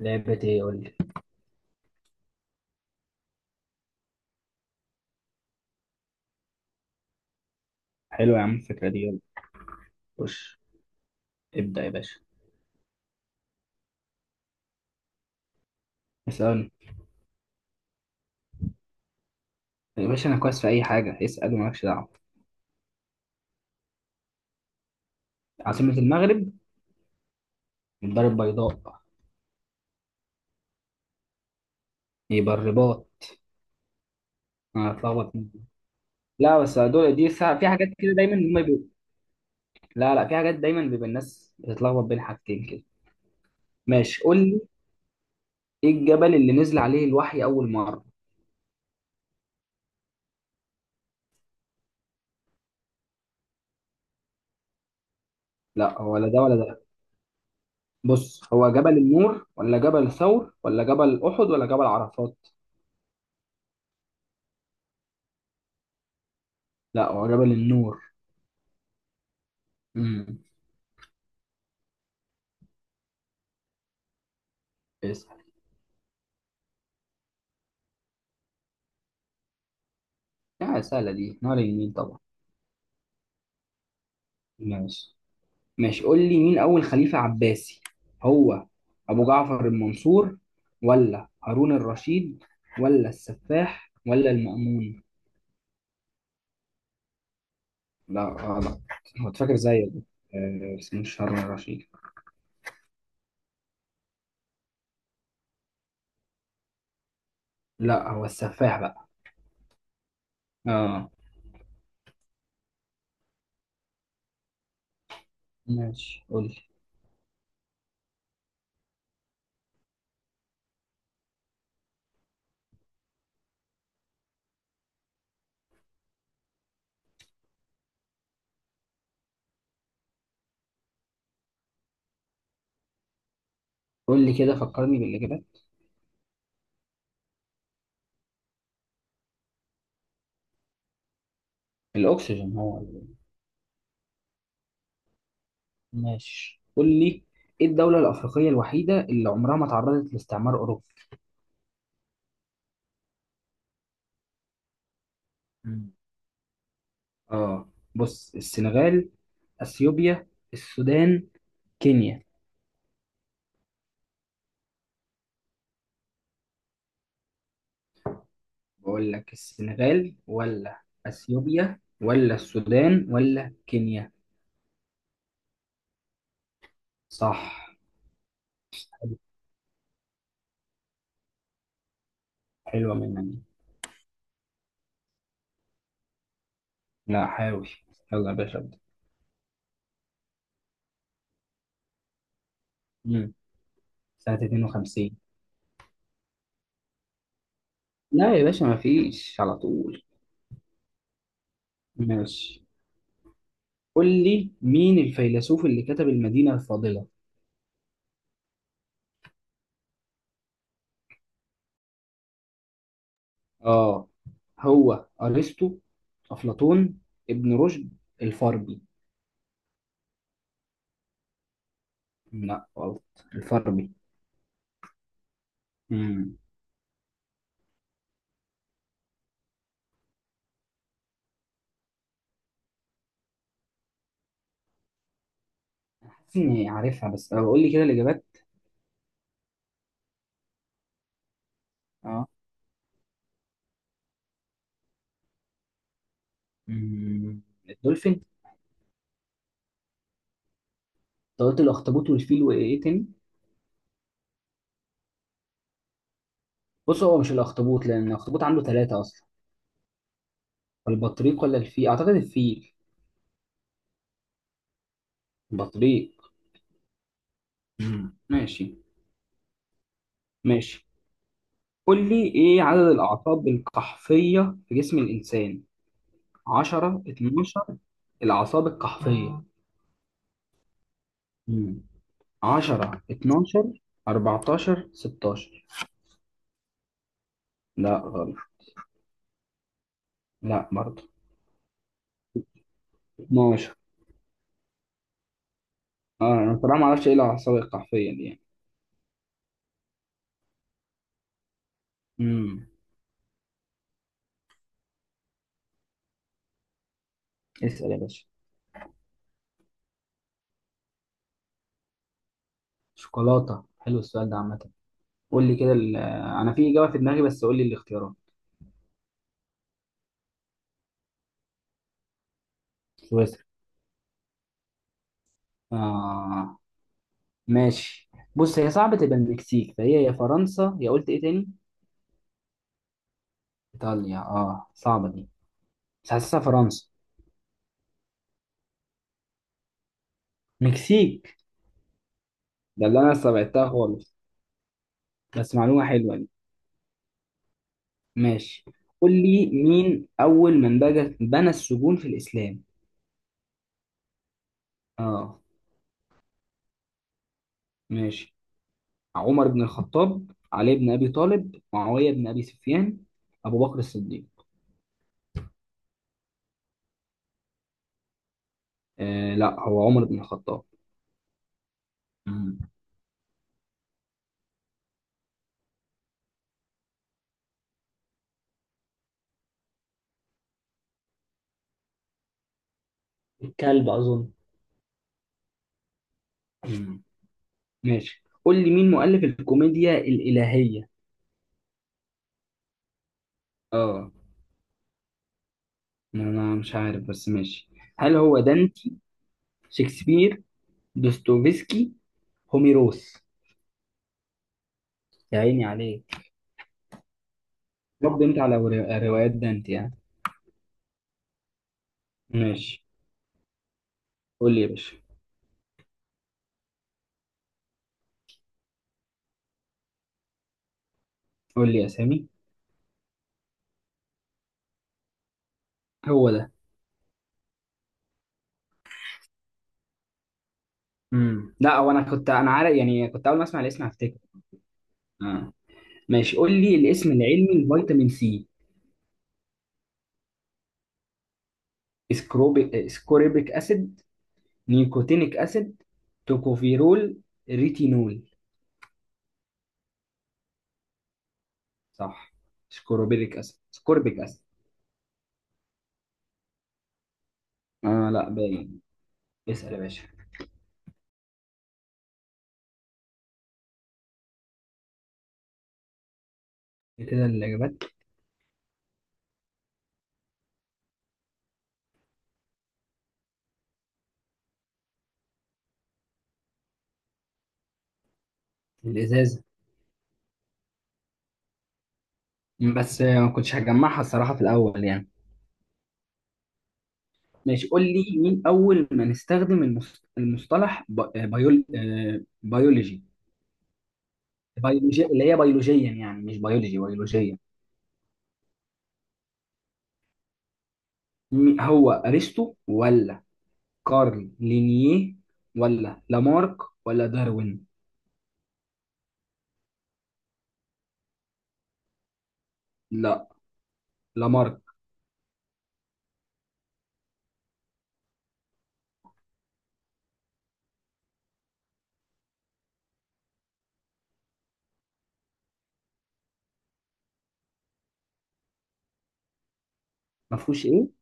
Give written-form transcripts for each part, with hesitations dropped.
لعبة ايه؟ قول لي. حلو يا عم الفكرة دي، يلا. خش، ابدأ يا باشا. اسأل يا باشا، أنا كويس في أي حاجة، اسأل ومالكش دعوة. عاصمة المغرب الدار البيضاء، يبقى الرباط. أنا هتلخبط. لا بس دول دي ساعة في حاجات كده دايما هما بي... لا، لا، في حاجات دايما بيبقى الناس بتتلخبط بين حاجتين كده. ماشي، قول لي، إيه الجبل اللي نزل عليه الوحي أول مرة؟ لا، ولا ده ولا ده. بص، هو جبل النور ولا جبل ثور ولا جبل أحد ولا جبل عرفات؟ لا، هو جبل النور. امم لا سهلة دي، نهر النيل طبعا. ماشي. ماشي قول لي، مين أول خليفة عباسي؟ هو أبو جعفر المنصور ولا هارون الرشيد ولا السفاح ولا المأمون؟ لا غلط. هو فاكر زيك. بس مش هارون الرشيد. لا، هو السفاح بقى. اه. ماشي قول لي. قول لي كده، فكرني بالإجابات. الأكسجين هو ال-. ماشي قول لي، إيه الدولة الأفريقية الوحيدة اللي عمرها ما تعرضت لاستعمار أوروبي؟ اه بص، السنغال، اثيوبيا، السودان، كينيا. بقول لك السنغال ولا اثيوبيا ولا السودان ولا كينيا؟ صح. حلو- حلوه منك دي. لا، حاول. يلا يا باشا، ابدا. مم. سنه 52. لا يا باشا، ما فيش على طول. ماشي قول لي، مين الفيلسوف اللي كتب المدينه الفاضله؟ اه، هو ارسطو، افلاطون، ابن رشد، الفارابي؟ لا غلط. الفارابي. امم حاسس اني عارفها، بس قول لي كده الاجابات. اه. مم، الدولفين انت. قلت الاخطبوط والفيل وايه تاني؟ بص هو مش الاخطبوط، لان الاخطبوط عنده ثلاثة اصلا. البطريق ولا الفيل؟ اعتقد الفيل. البطريق. مم. ماشي. ماشي قول لي، ايه عدد الاعصاب القحفية في جسم الانسان؟ 10، 12؟ الاعصاب القحفية. مم. 10، 12، 14، 16؟ لا غلط. لا برضه. 12. اه انا بصراحه ما اعرفش ايه العصايه القحفيه دي يعني. امم اسال يا باشا. شوكولاتة، حلو السؤال ده عامة. قول لي كده ال-، انا في اجابه في دماغي بس قول لي الاختيارات. سويسرا. آه ماشي. بص هي صعبة تبقى المكسيك، فهي يا فرنسا يا قلت ايه تاني؟ ايطاليا، اه صعبة دي، بس حاسسها فرنسا. مكسيك؟ ده اللي انا استبعدتها خالص. بس معلومة حلوة دي. ماشي قول لي، مين اول من بنى السجون في الاسلام؟ اه. ماشي. عمر بن الخطاب، علي بن أبي طالب، معاوية بن أبي سفيان، أبو بكر الصديق؟ لا، هو عمر بن الخطاب. مم. الكلب أظن. مم. ماشي قول لي، مين مؤلف الكوميديا الإلهية؟ اه انا مش عارف بس ماشي. هل هو دانتي، شكسبير، دوستويفسكي، هوميروس؟ يا عيني عليك. برضه انت على روايات دانتي يعني. ماشي. قول لي يا باشا. قول لي اسامي. هو ده. مم. لا هو انا كنت، انا عارف يعني، كنت اول ما اسمع الاسم هفتكر. آه. ماشي قول لي، الاسم العلمي لفيتامين سي. اسكوربيك اسيد، نيكوتينيك اسيد، توكوفيرول، ريتينول؟ صح. اسكوربيك اسيد، اسكوربيك اسيد. لا باين. اسأل يا باشا. إيه كده الإجابات؟ الإزازة. بس ما كنتش هجمعها الصراحة في الأول يعني. ماشي قول لي، مين أول من استخدم المصطلح بيولوجي. بيولوجي اللي هي بيولوجيا يعني، مش بيولوجي، بيولوجيا. مين- هو أرسطو ولا كارل لينيه ولا لامارك ولا داروين؟ لا، لامارك. ما فيهوش ايه؟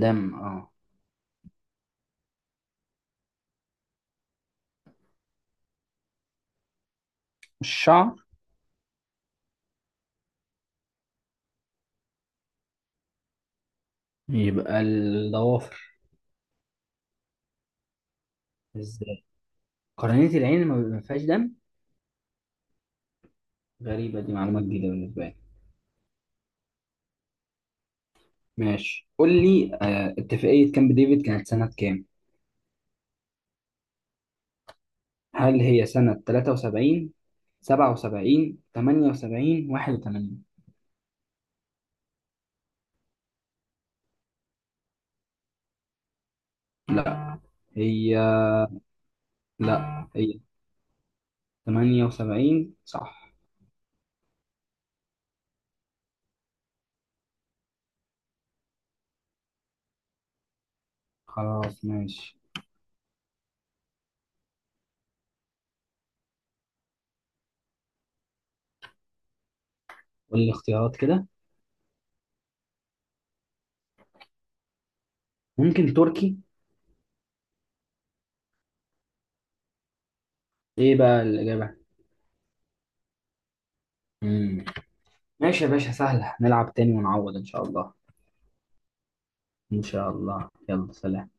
دم، اه. الشعر. يبقى الضوافر. ازاي؟ قرنية العين ما فيهاش دم. غريبة دي، معلومات جديدة بالنسبة لي. ماشي قول لي آه، اتفاقية كامب ديفيد كانت سنة كام؟ هل هي سنة 73، 77، 78، 81؟ لا هي، لا هي 78، صح. خلاص ماشي. قول لي اختيارات كده. ممكن تركي. ايه بقى الاجابه؟ مم. ماشي يا باشا، سهله، نلعب تاني ونعوض ان شاء الله. ان شاء الله، يلا سلام.